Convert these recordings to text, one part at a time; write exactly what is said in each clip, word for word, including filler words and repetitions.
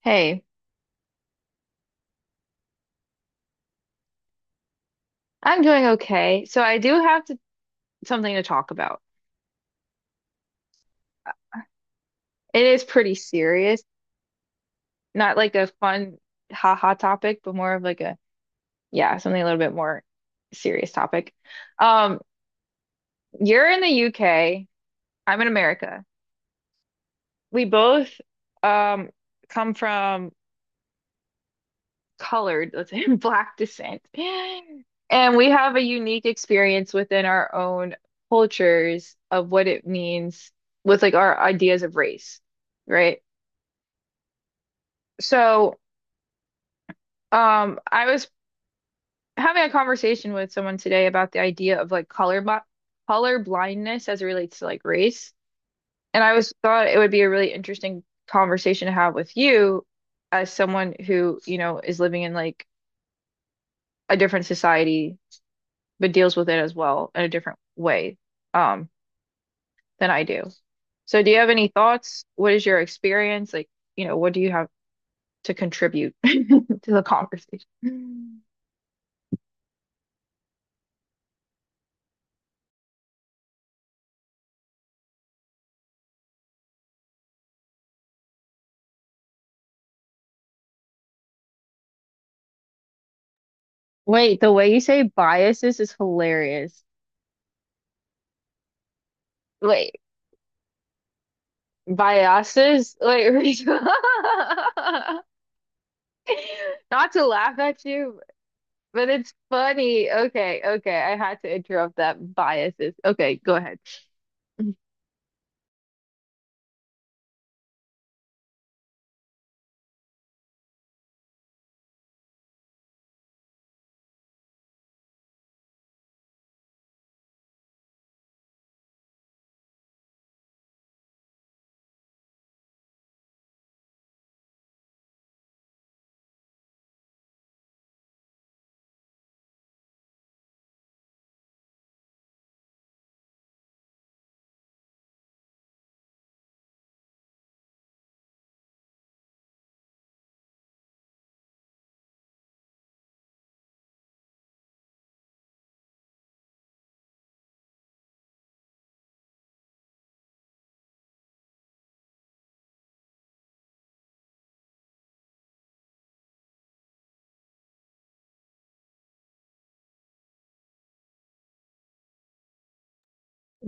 Hey, I'm doing okay. So I do have to, something to talk about. It is pretty serious, not like a fun haha topic, but more of like a yeah, something a little bit more serious topic. Um, you're in the U K, I'm in America. We both um come from colored, let's say black descent. And we have a unique experience within our own cultures of what it means with like our ideas of race, right? So, um, I was having a conversation with someone today about the idea of like color bl color blindness as it relates to like race, and I was thought it would be a really interesting conversation to have with you as someone who, you know, is living in like a different society but deals with it as well in a different way, um, than I do. So, do you have any thoughts? What is your experience? Like, you know, what do you have to contribute to the conversation? Wait, the way you say biases is hilarious. Wait, biases? Wait, Rachel. Not to laugh at you, but it's funny. Okay, okay, I had to interrupt that. Biases. Okay, go ahead.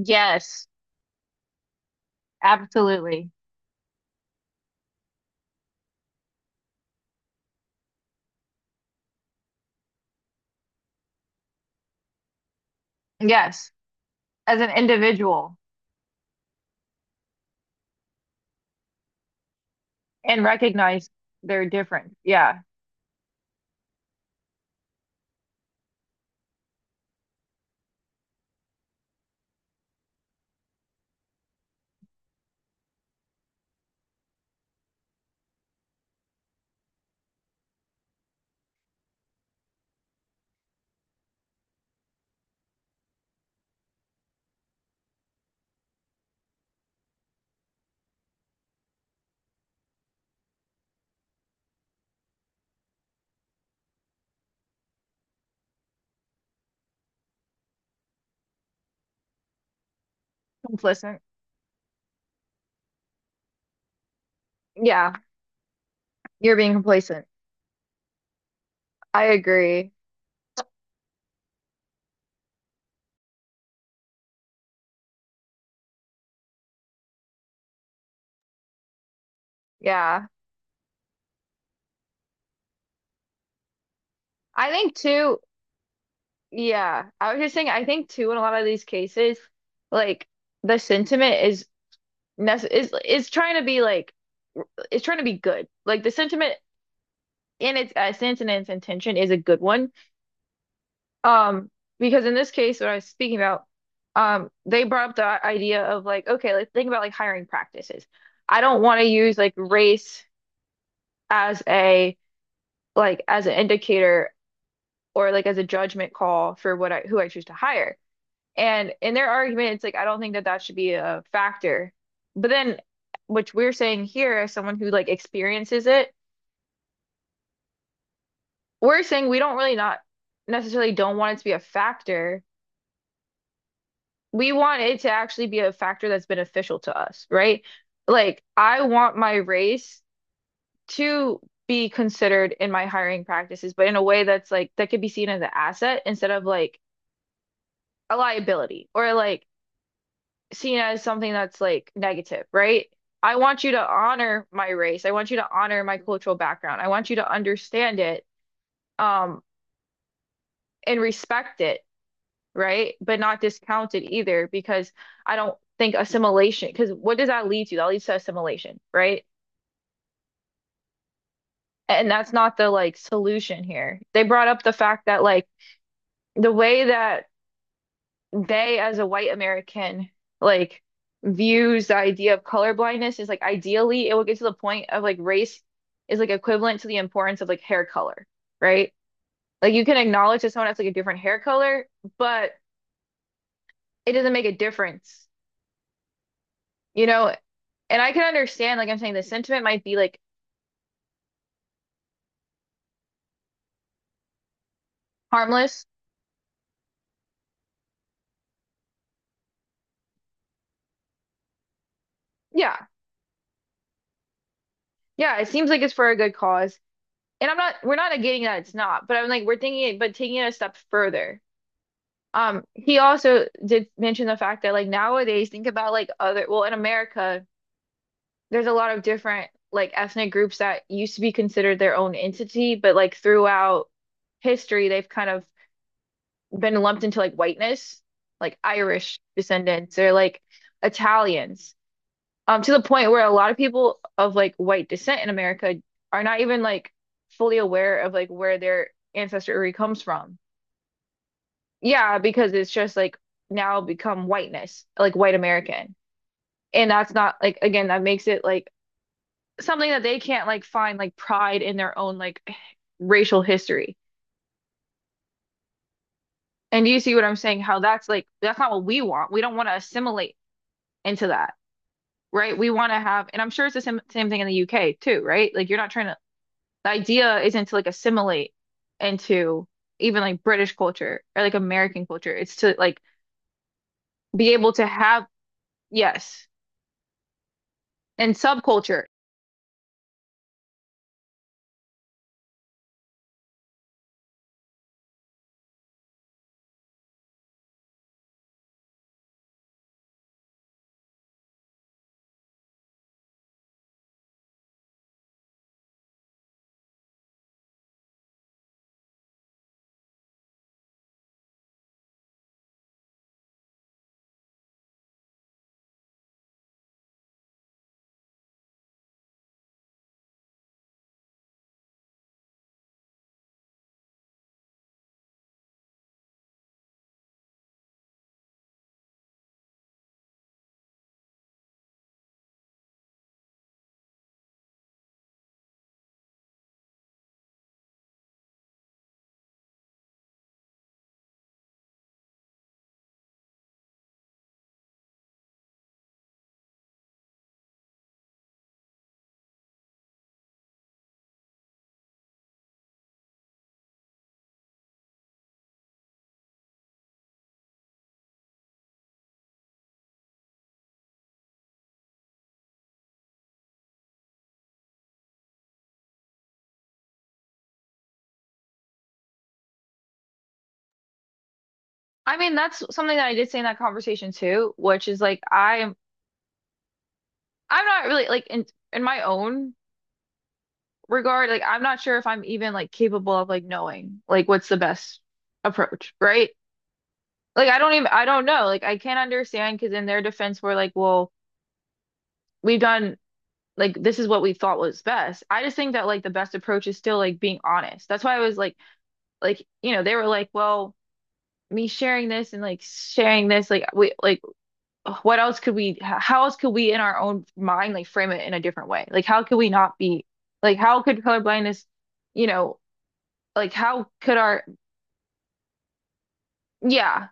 Yes, absolutely. Yes, as an individual and recognize they're different. Yeah, complacent. Yeah, you're being complacent. I agree. Yeah, I think too. Yeah, I was just saying, I think too, in a lot of these cases, like the sentiment is nece- is is trying to be like it's trying to be good. Like the sentiment in its essence and its intention is a good one. Um, because in this case, what I was speaking about, um, they brought up the i- idea of like, okay, let's think about like hiring practices. I don't want to use like race as a like as an indicator or like as a judgment call for what I who I choose to hire. And in their argument, it's like, I don't think that that should be a factor. But then, which we're saying here, as someone who like experiences it, we're saying we don't really not necessarily don't want it to be a factor. We want it to actually be a factor that's beneficial to us, right? Like, I want my race to be considered in my hiring practices, but in a way that's like that could be seen as an asset instead of like a liability or like seen as something that's like negative, right? I want you to honor my race. I want you to honor my cultural background. I want you to understand it, um, and respect it, right? But not discount it either, because I don't think assimilation, because what does that lead to? That leads to assimilation, right? And that's not the like solution here. They brought up the fact that like the way that they as a white American like views the idea of colorblindness is like ideally it will get to the point of like race is like equivalent to the importance of like hair color, right? Like you can acknowledge that someone has like a different hair color, but it doesn't make a difference, you know? And I can understand, like I'm saying, the sentiment might be like harmless. Yeah. Yeah. It seems like it's for a good cause. And I'm not, we're not negating that it's not, but I'm like, we're thinking it, but taking it a step further. Um, he also did mention the fact that like nowadays, think about like other, well, in America, there's a lot of different like ethnic groups that used to be considered their own entity, but like throughout history, they've kind of been lumped into like whiteness, like Irish descendants or like Italians, um, to the point where a lot of people of like white descent in America are not even like fully aware of like where their ancestry comes from. Yeah, because it's just like now become whiteness, like white American. And that's not like again, that makes it like something that they can't like find like pride in their own like racial history. And do you see what I'm saying? How that's like that's not what we want. We don't want to assimilate into that, right? We want to have, and I'm sure it's the same same thing in the U K too, right? Like you're not trying to, the idea isn't to like assimilate into even like British culture or like American culture. It's to like be able to have, yes, and subculture I mean, that's something that I did say in that conversation too, which is like I'm I'm not really like in in my own regard, like I'm not sure if I'm even like capable of like knowing like what's the best approach, right? Like I don't even I don't know. Like I can't understand because in their defense we're like, well, we've done like this is what we thought was best. I just think that like the best approach is still like being honest. That's why I was like like you know, they were like, well, me sharing this and like sharing this like we like what else could we how else could we in our own mind like frame it in a different way like how could we not be like how could colorblindness you know like how could our yeah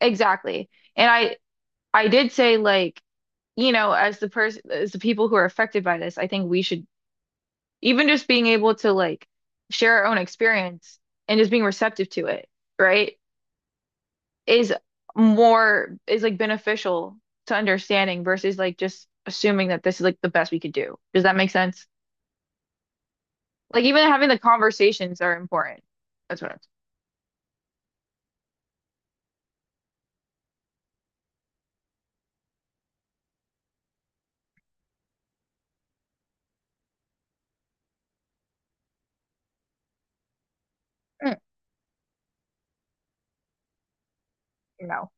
exactly and I I did say like you know as the person as the people who are affected by this I think we should even just being able to like share our own experience and just being receptive to it right is more is like beneficial to understanding versus like just assuming that this is like the best we could do does that make sense Like even having the conversations are important. That's what I'm Mm, No.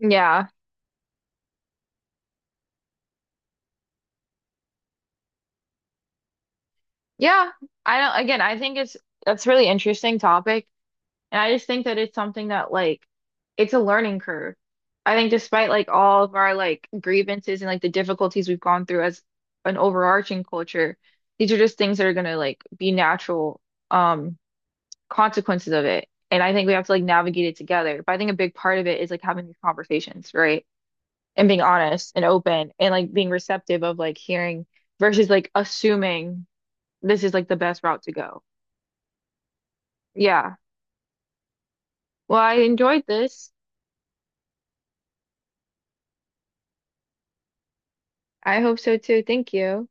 Yeah. Yeah. I don't, again, I think it's that's a really interesting topic. And I just think that it's something that like it's a learning curve. I think despite like all of our like grievances and like the difficulties we've gone through as an overarching culture, these are just things that are gonna like be natural um consequences of it. And I think we have to like navigate it together. But I think a big part of it is like having these conversations, right? And being honest and open and like being receptive of like hearing versus like assuming this is like the best route to go. Yeah. Well, I enjoyed this. I hope so too. Thank you.